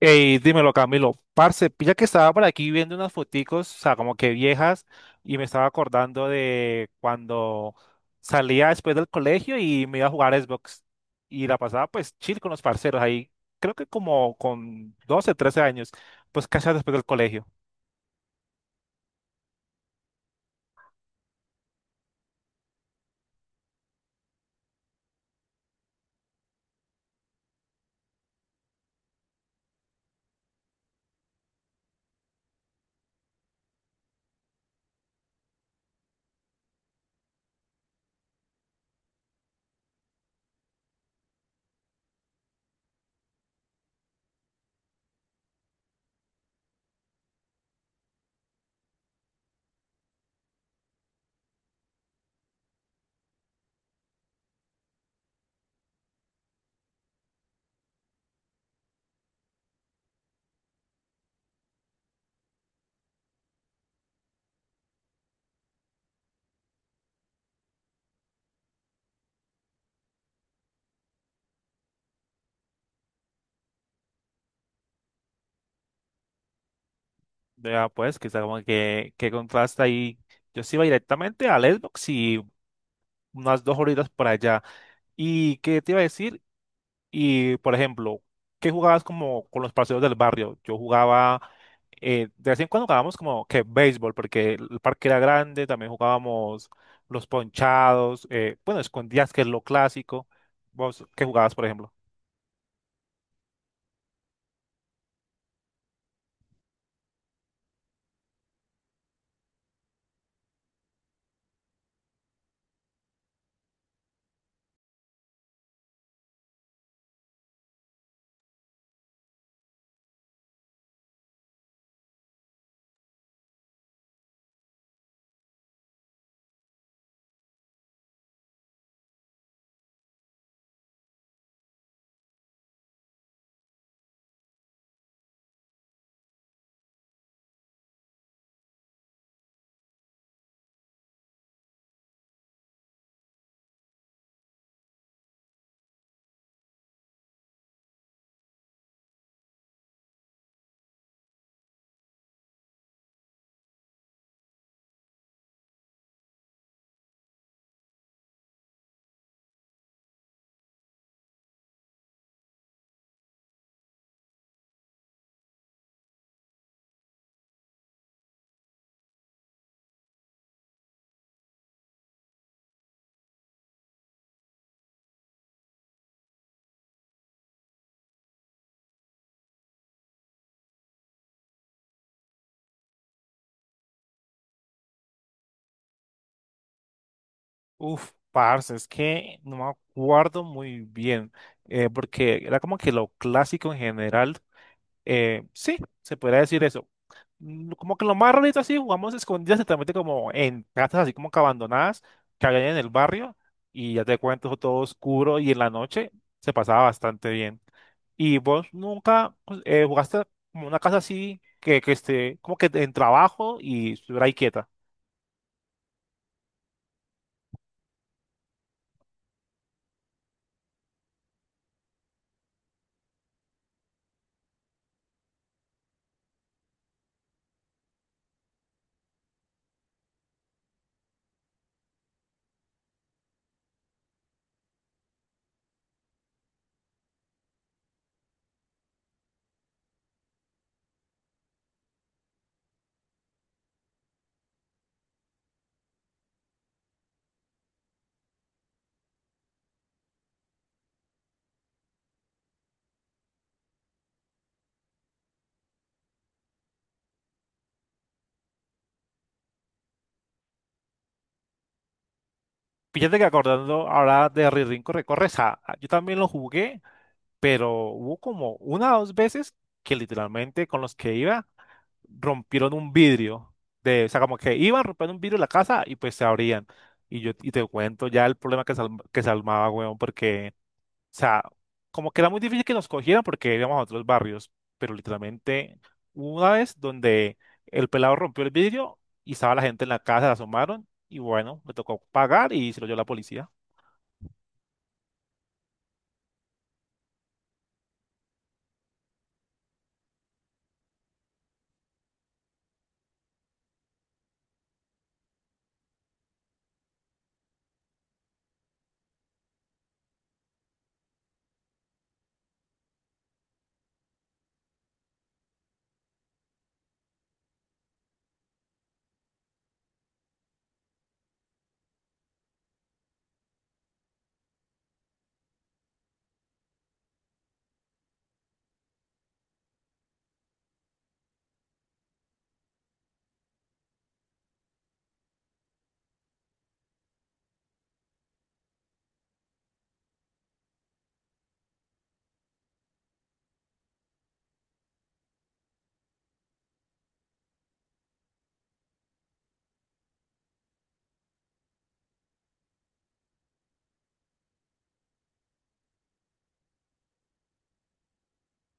Ey, dímelo, Camilo. Parce, pilla que estaba por aquí viendo unas foticos, o sea, como que viejas, y me estaba acordando de cuando salía después del colegio y me iba a jugar Xbox. Y la pasaba pues chill con los parceros ahí, creo que como con 12, 13 años, pues casi después del colegio. Ya pues, que está como que contraste ahí. Yo sí iba directamente al Xbox y unas dos horitas por allá. ¿Y qué te iba a decir? Y, por ejemplo, ¿qué jugabas como con los parceros del barrio? Yo jugaba, de vez en cuando jugábamos como que béisbol, porque el parque era grande, también jugábamos los ponchados, bueno, escondidas que es lo clásico. ¿Vos qué jugabas, por ejemplo? Uf, parce, es que no me acuerdo muy bien, porque era como que lo clásico en general. Sí, se podría decir eso. Como que lo más rarito así, jugamos escondidas, exactamente como en casas así como que abandonadas, que había en el barrio, y ya te cuento todo oscuro y en la noche se pasaba bastante bien. ¿Y vos nunca pues, jugaste como una casa así que esté como que en trabajo y estuviera ahí quieta? Fíjate que acordando ahora de Rirrín Corre Corre, yo también lo jugué, pero hubo como una o dos veces que literalmente con los que iba rompieron un vidrio de, o sea, como que iban rompiendo un vidrio de la casa y pues se abrían. Y yo y te cuento ya el problema que se armaba, weón, porque, o sea, como que era muy difícil que nos cogieran porque íbamos a otros barrios, pero literalmente hubo una vez donde el pelado rompió el vidrio y estaba la gente en la casa, la asomaron y bueno, le tocó pagar y se lo dio la policía.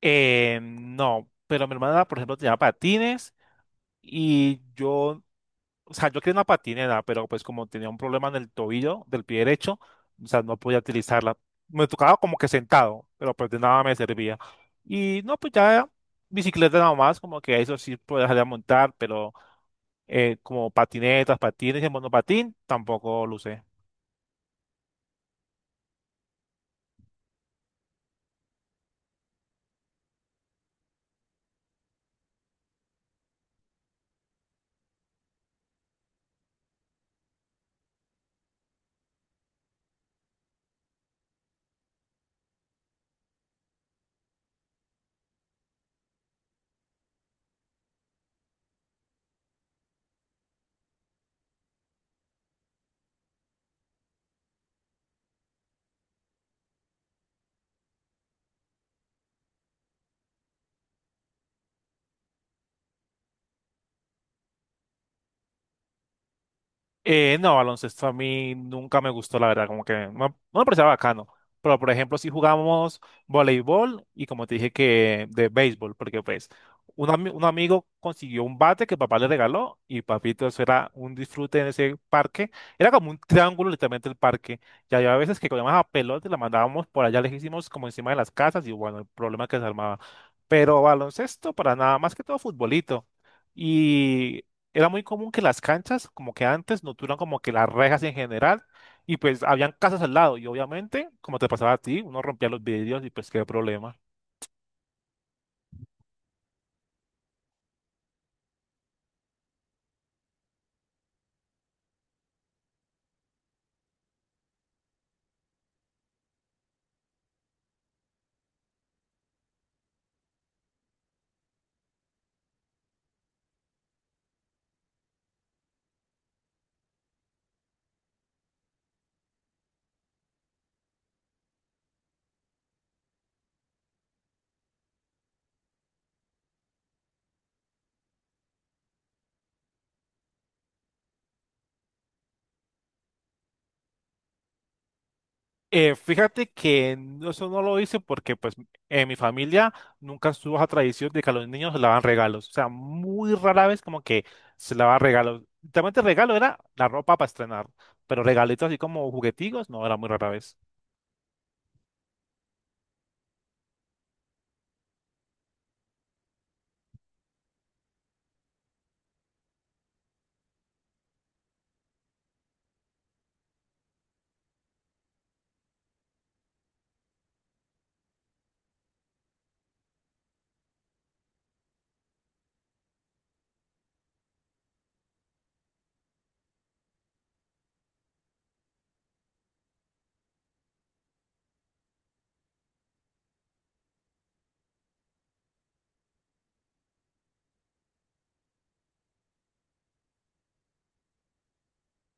No, pero mi hermana, por ejemplo, tenía patines y yo. O sea, yo quería una patineta, pero pues como tenía un problema en el tobillo del pie derecho, o sea, no podía utilizarla. Me tocaba como que sentado, pero pues de nada me servía. Y no, pues ya bicicleta nada más, como que eso sí podía salir a montar, pero como patinetas, patines y monopatín, tampoco lo usé. No, baloncesto a mí nunca me gustó, la verdad, como que no, no me parecía bacano. Pero, por ejemplo, si jugamos voleibol y como te dije que de béisbol, porque pues un amigo consiguió un bate que papá le regaló y papito, eso era un disfrute en ese parque. Era como un triángulo literalmente el parque. Y había veces que cogíamos a pelota y la mandábamos por allá lejísimos como encima de las casas y bueno, el problema que se armaba. Pero baloncesto para nada, más que todo futbolito. Y era muy común que las canchas, como que antes, no tuvieran como que las rejas en general, y pues habían casas al lado, y obviamente, como te pasaba a ti, uno rompía los vidrios y pues qué problema. Fíjate que eso no lo hice porque pues en mi familia nunca estuvo esa tradición de que a los niños se le daban regalos, o sea, muy rara vez como que se le daban regalos. Literalmente regalo era la ropa para estrenar, pero regalitos así como jugueticos, no, era muy rara vez.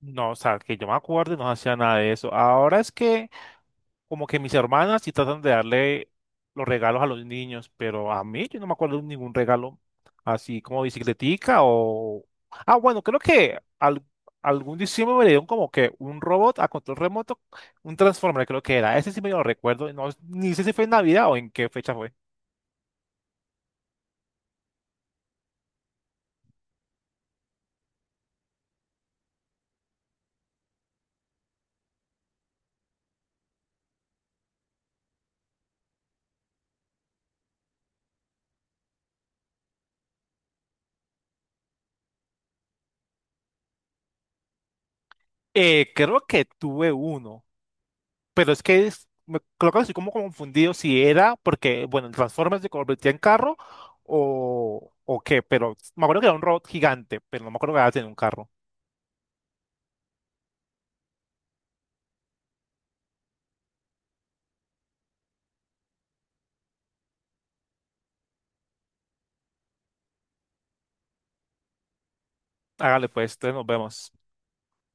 No, o sea, que yo me acuerdo y no hacía nada de eso. Ahora es que como que mis hermanas sí tratan de darle los regalos a los niños, pero a mí yo no me acuerdo de ningún regalo así como bicicletica o... Ah, bueno, creo que algún diciembre me dieron como que un robot a control remoto, un Transformer creo que era. Ese sí me lo recuerdo, no, ni sé si fue en Navidad o en qué fecha fue. Creo que tuve uno. Pero es que creo que estoy como confundido si era porque, bueno, el Transformers se convertía en carro o qué, pero me acuerdo que era un robot gigante, pero no me acuerdo que era en un carro. Hágale pues, entonces nos vemos.